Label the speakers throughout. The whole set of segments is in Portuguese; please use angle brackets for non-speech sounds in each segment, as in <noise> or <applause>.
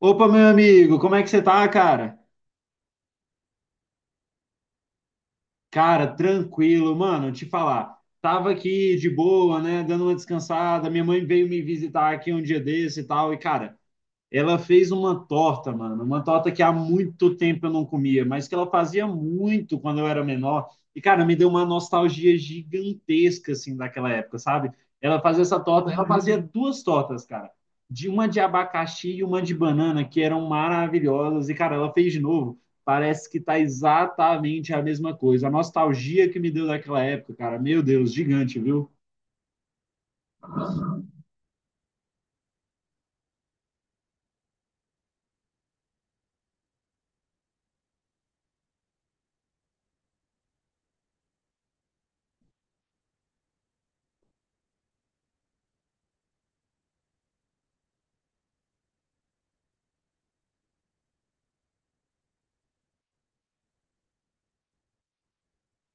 Speaker 1: Opa, meu amigo, como é que você tá, cara? Cara, tranquilo, mano, te falar. Tava aqui de boa, né, dando uma descansada. Minha mãe veio me visitar aqui um dia desse e tal. E, cara, ela fez uma torta, mano, uma torta que há muito tempo eu não comia, mas que ela fazia muito quando eu era menor. E, cara, me deu uma nostalgia gigantesca, assim, daquela época, sabe? Ela fazia essa torta, ela fazia duas tortas, cara. De uma de abacaxi e uma de banana, que eram maravilhosas. E, cara, ela fez de novo. Parece que tá exatamente a mesma coisa. A nostalgia que me deu daquela época, cara, meu Deus, gigante, viu?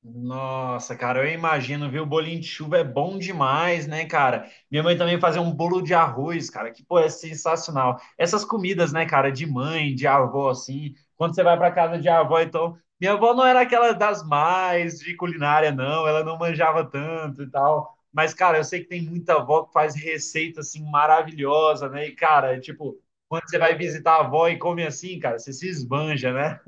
Speaker 1: Nossa, cara, eu imagino, viu? Bolinho de chuva é bom demais, né, cara? Minha mãe também fazia um bolo de arroz, cara, que, pô, é sensacional. Essas comidas, né, cara, de mãe, de avó, assim, quando você vai pra casa de avó, então. Minha avó não era aquela das mais de culinária, não, ela não manjava tanto e tal. Mas, cara, eu sei que tem muita avó que faz receita, assim, maravilhosa, né? E, cara, é tipo, quando você vai visitar a avó e come assim, cara, você se esbanja, né?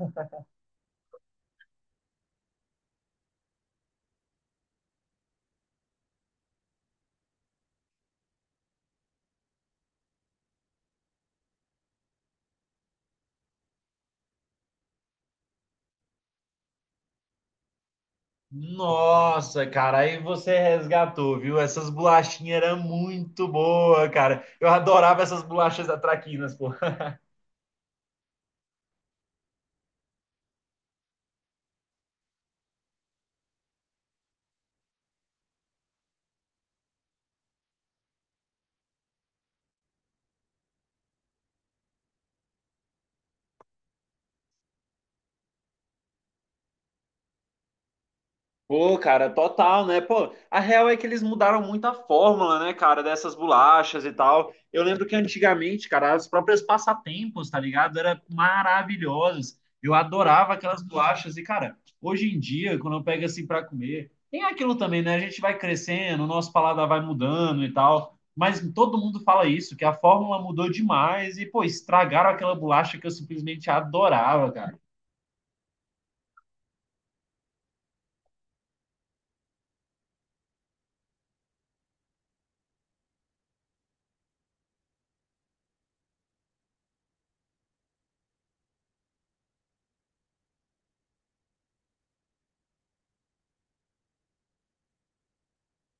Speaker 1: Nossa, cara, aí você resgatou, viu? Essas bolachinhas eram muito boas, cara. Eu adorava essas bolachas da Traquinas, pô. Pô, cara, total, né? Pô, a real é que eles mudaram muito a fórmula, né, cara, dessas bolachas e tal. Eu lembro que antigamente, cara, as próprias passatempos, tá ligado? Eram maravilhosas. Eu adorava aquelas bolachas. E, cara, hoje em dia, quando eu pego assim pra comer, tem aquilo também, né? A gente vai crescendo, o nosso paladar vai mudando e tal. Mas todo mundo fala isso, que a fórmula mudou demais e, pô, estragaram aquela bolacha que eu simplesmente adorava, cara.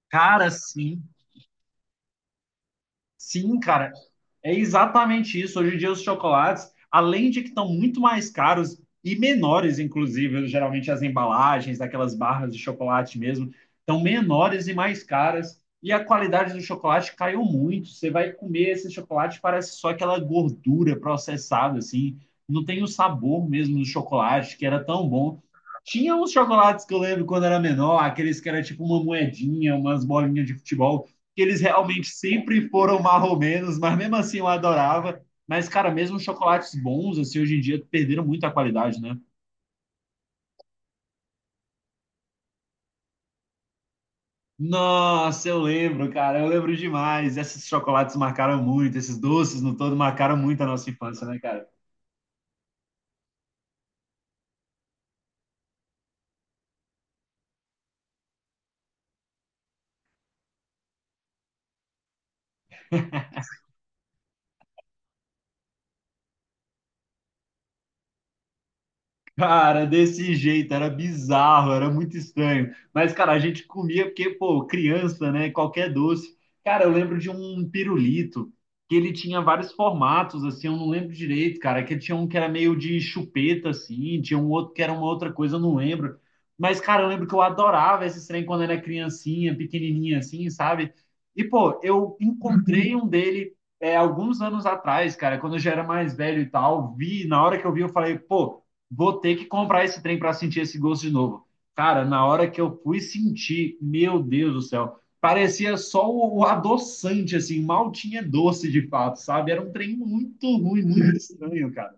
Speaker 1: Cara, sim. Sim, cara. É exatamente isso. Hoje em dia, os chocolates, além de que estão muito mais caros e menores, inclusive, geralmente as embalagens daquelas barras de chocolate mesmo, estão menores e mais caras. E a qualidade do chocolate caiu muito. Você vai comer esse chocolate, parece só aquela gordura processada, assim. Não tem o sabor mesmo do chocolate, que era tão bom. Tinha uns chocolates que eu lembro quando era menor, aqueles que era tipo uma moedinha, umas bolinhas de futebol que eles realmente sempre foram marromenos, mas mesmo assim eu adorava. Mas, cara, mesmo os chocolates bons, assim, hoje em dia perderam muito a qualidade, né? Nossa, eu lembro, cara, eu lembro demais. Esses chocolates marcaram muito, esses doces no todo marcaram muito a nossa infância, né, cara? Cara, desse jeito, era bizarro, era muito estranho. Mas, cara, a gente comia porque, pô, criança, né? Qualquer doce. Cara, eu lembro de um pirulito que ele tinha vários formatos, assim, eu não lembro direito, cara. Que tinha um que era meio de chupeta, assim, tinha um outro que era uma outra coisa, eu não lembro. Mas, cara, eu lembro que eu adorava esse trem quando era criancinha, pequenininha, assim, sabe? E, pô, eu encontrei um dele alguns anos atrás, cara, quando eu já era mais velho e tal, vi, na hora que eu vi, eu falei, pô vou ter que comprar esse trem para sentir esse gosto de novo. Cara, na hora que eu fui sentir, meu Deus do céu, parecia só o adoçante, assim, mal tinha doce de fato, sabe? Era um trem muito ruim, muito estranho, cara.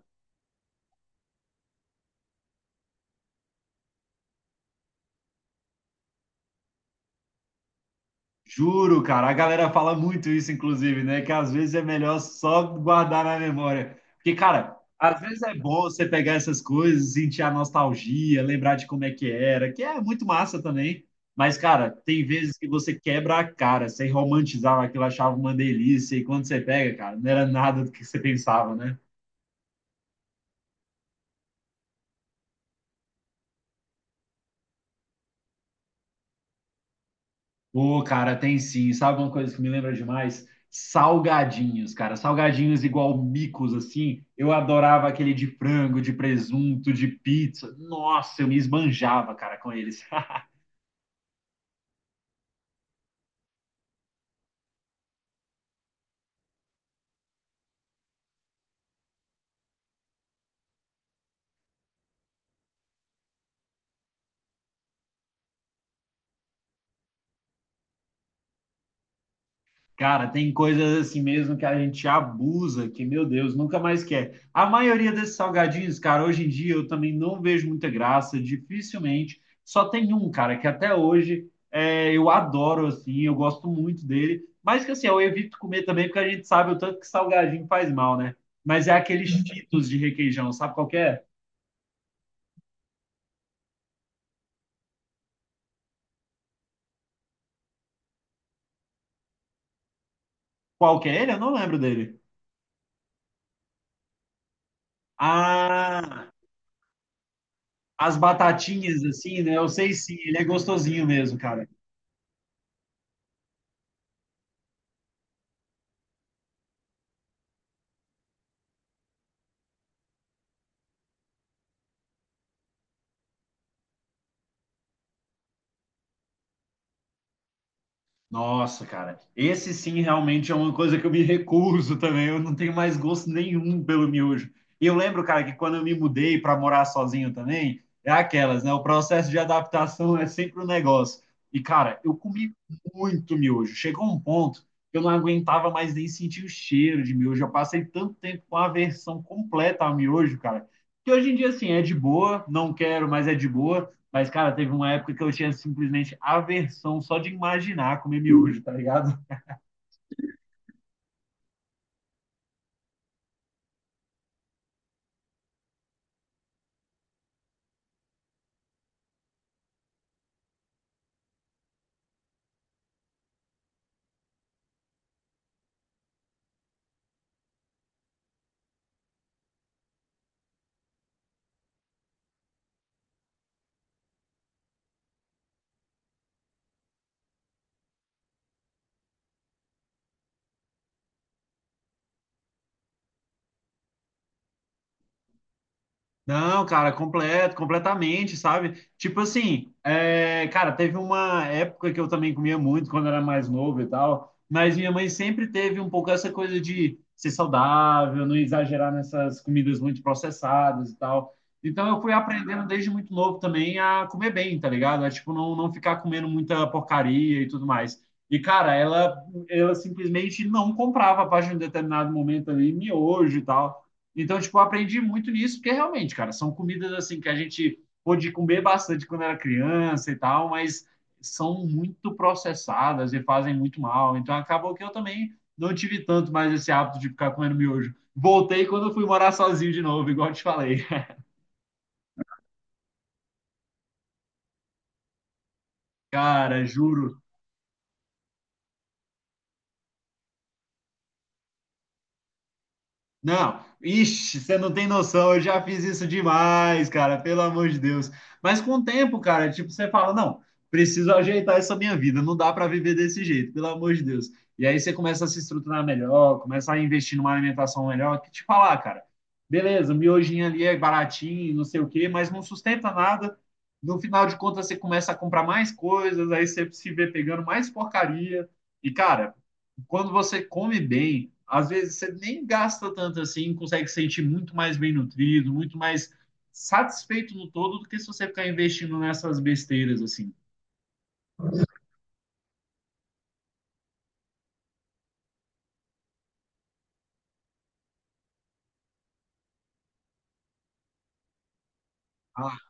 Speaker 1: Juro, cara, a galera fala muito isso, inclusive, né? Que às vezes é melhor só guardar na memória. Porque, cara, às vezes é bom você pegar essas coisas, sentir a nostalgia, lembrar de como é que era, que é muito massa também. Mas, cara, tem vezes que você quebra a cara, você romantizava aquilo, achava uma delícia, e quando você pega, cara, não era nada do que você pensava, né? Ô, cara, tem sim. Sabe uma coisa que me lembra demais? Salgadinhos, cara. Salgadinhos igual micos, assim. Eu adorava aquele de frango, de presunto, de pizza. Nossa, eu me esbanjava, cara, com eles. <laughs> Cara, tem coisas assim mesmo que a gente abusa, que, meu Deus, nunca mais quer. A maioria desses salgadinhos, cara, hoje em dia eu também não vejo muita graça, dificilmente. Só tem um, cara, que até hoje é, eu adoro, assim, eu gosto muito dele. Mas que, assim, eu evito comer também, porque a gente sabe o tanto que salgadinho faz mal, né? Mas é aqueles Cheetos de requeijão, sabe qual que é? Qual que é ele? Eu não lembro dele. Ah, as batatinhas, assim, né? Eu sei sim, ele é gostosinho mesmo, cara. Nossa, cara, esse sim realmente é uma coisa que eu me recuso também. Eu não tenho mais gosto nenhum pelo miojo. E eu lembro, cara, que quando eu me mudei para morar sozinho também, é aquelas, né? O processo de adaptação é sempre um negócio. E, cara, eu comi muito miojo. Chegou um ponto que eu não aguentava mais nem sentir o cheiro de miojo. Eu passei tanto tempo com a aversão completa ao miojo, cara, que hoje em dia, assim, é de boa, não quero, mas é de boa. Mas, cara, teve uma época que eu tinha simplesmente aversão só de imaginar comer miojo, tá ligado? Não, cara, completo, completamente, sabe? Tipo assim, é, cara, teve uma época que eu também comia muito quando era mais novo e tal, mas minha mãe sempre teve um pouco essa coisa de ser saudável, não exagerar nessas comidas muito processadas e tal. Então eu fui aprendendo desde muito novo também a comer bem, tá ligado? A, tipo, não, não ficar comendo muita porcaria e tudo mais. E, cara, ela simplesmente não comprava a partir de um determinado momento ali, miojo e tal. Então, tipo, eu aprendi muito nisso, porque realmente, cara, são comidas assim que a gente pôde comer bastante quando era criança e tal, mas são muito processadas e fazem muito mal. Então, acabou que eu também não tive tanto mais esse hábito de ficar comendo miojo. Voltei quando eu fui morar sozinho de novo, igual eu te falei. <laughs> Cara, juro. Não, ixi, você não tem noção, eu já fiz isso demais, cara, pelo amor de Deus. Mas com o tempo, cara, tipo, você fala, não, preciso ajeitar essa minha vida, não dá para viver desse jeito, pelo amor de Deus. E aí você começa a se estruturar melhor, começa a investir numa alimentação melhor, que te falar, cara, beleza, miojinho ali é baratinho, não sei o quê, mas não sustenta nada. No final de contas, você começa a comprar mais coisas, aí você se vê pegando mais porcaria. E, cara, quando você come bem, às vezes você nem gasta tanto assim, consegue se sentir muito mais bem nutrido, muito mais satisfeito no todo do que se você ficar investindo nessas besteiras assim. Ah,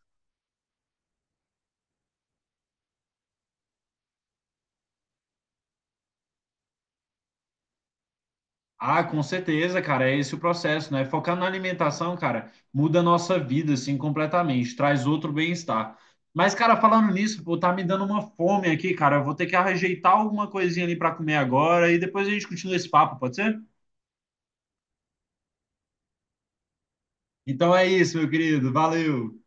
Speaker 1: ah, com certeza, cara, é esse o processo, né? Focar na alimentação, cara, muda a nossa vida assim completamente, traz outro bem-estar. Mas, cara, falando nisso, pô, tá me dando uma fome aqui, cara. Eu vou ter que ajeitar alguma coisinha ali pra comer agora e depois a gente continua esse papo, pode ser? Então é isso, meu querido. Valeu.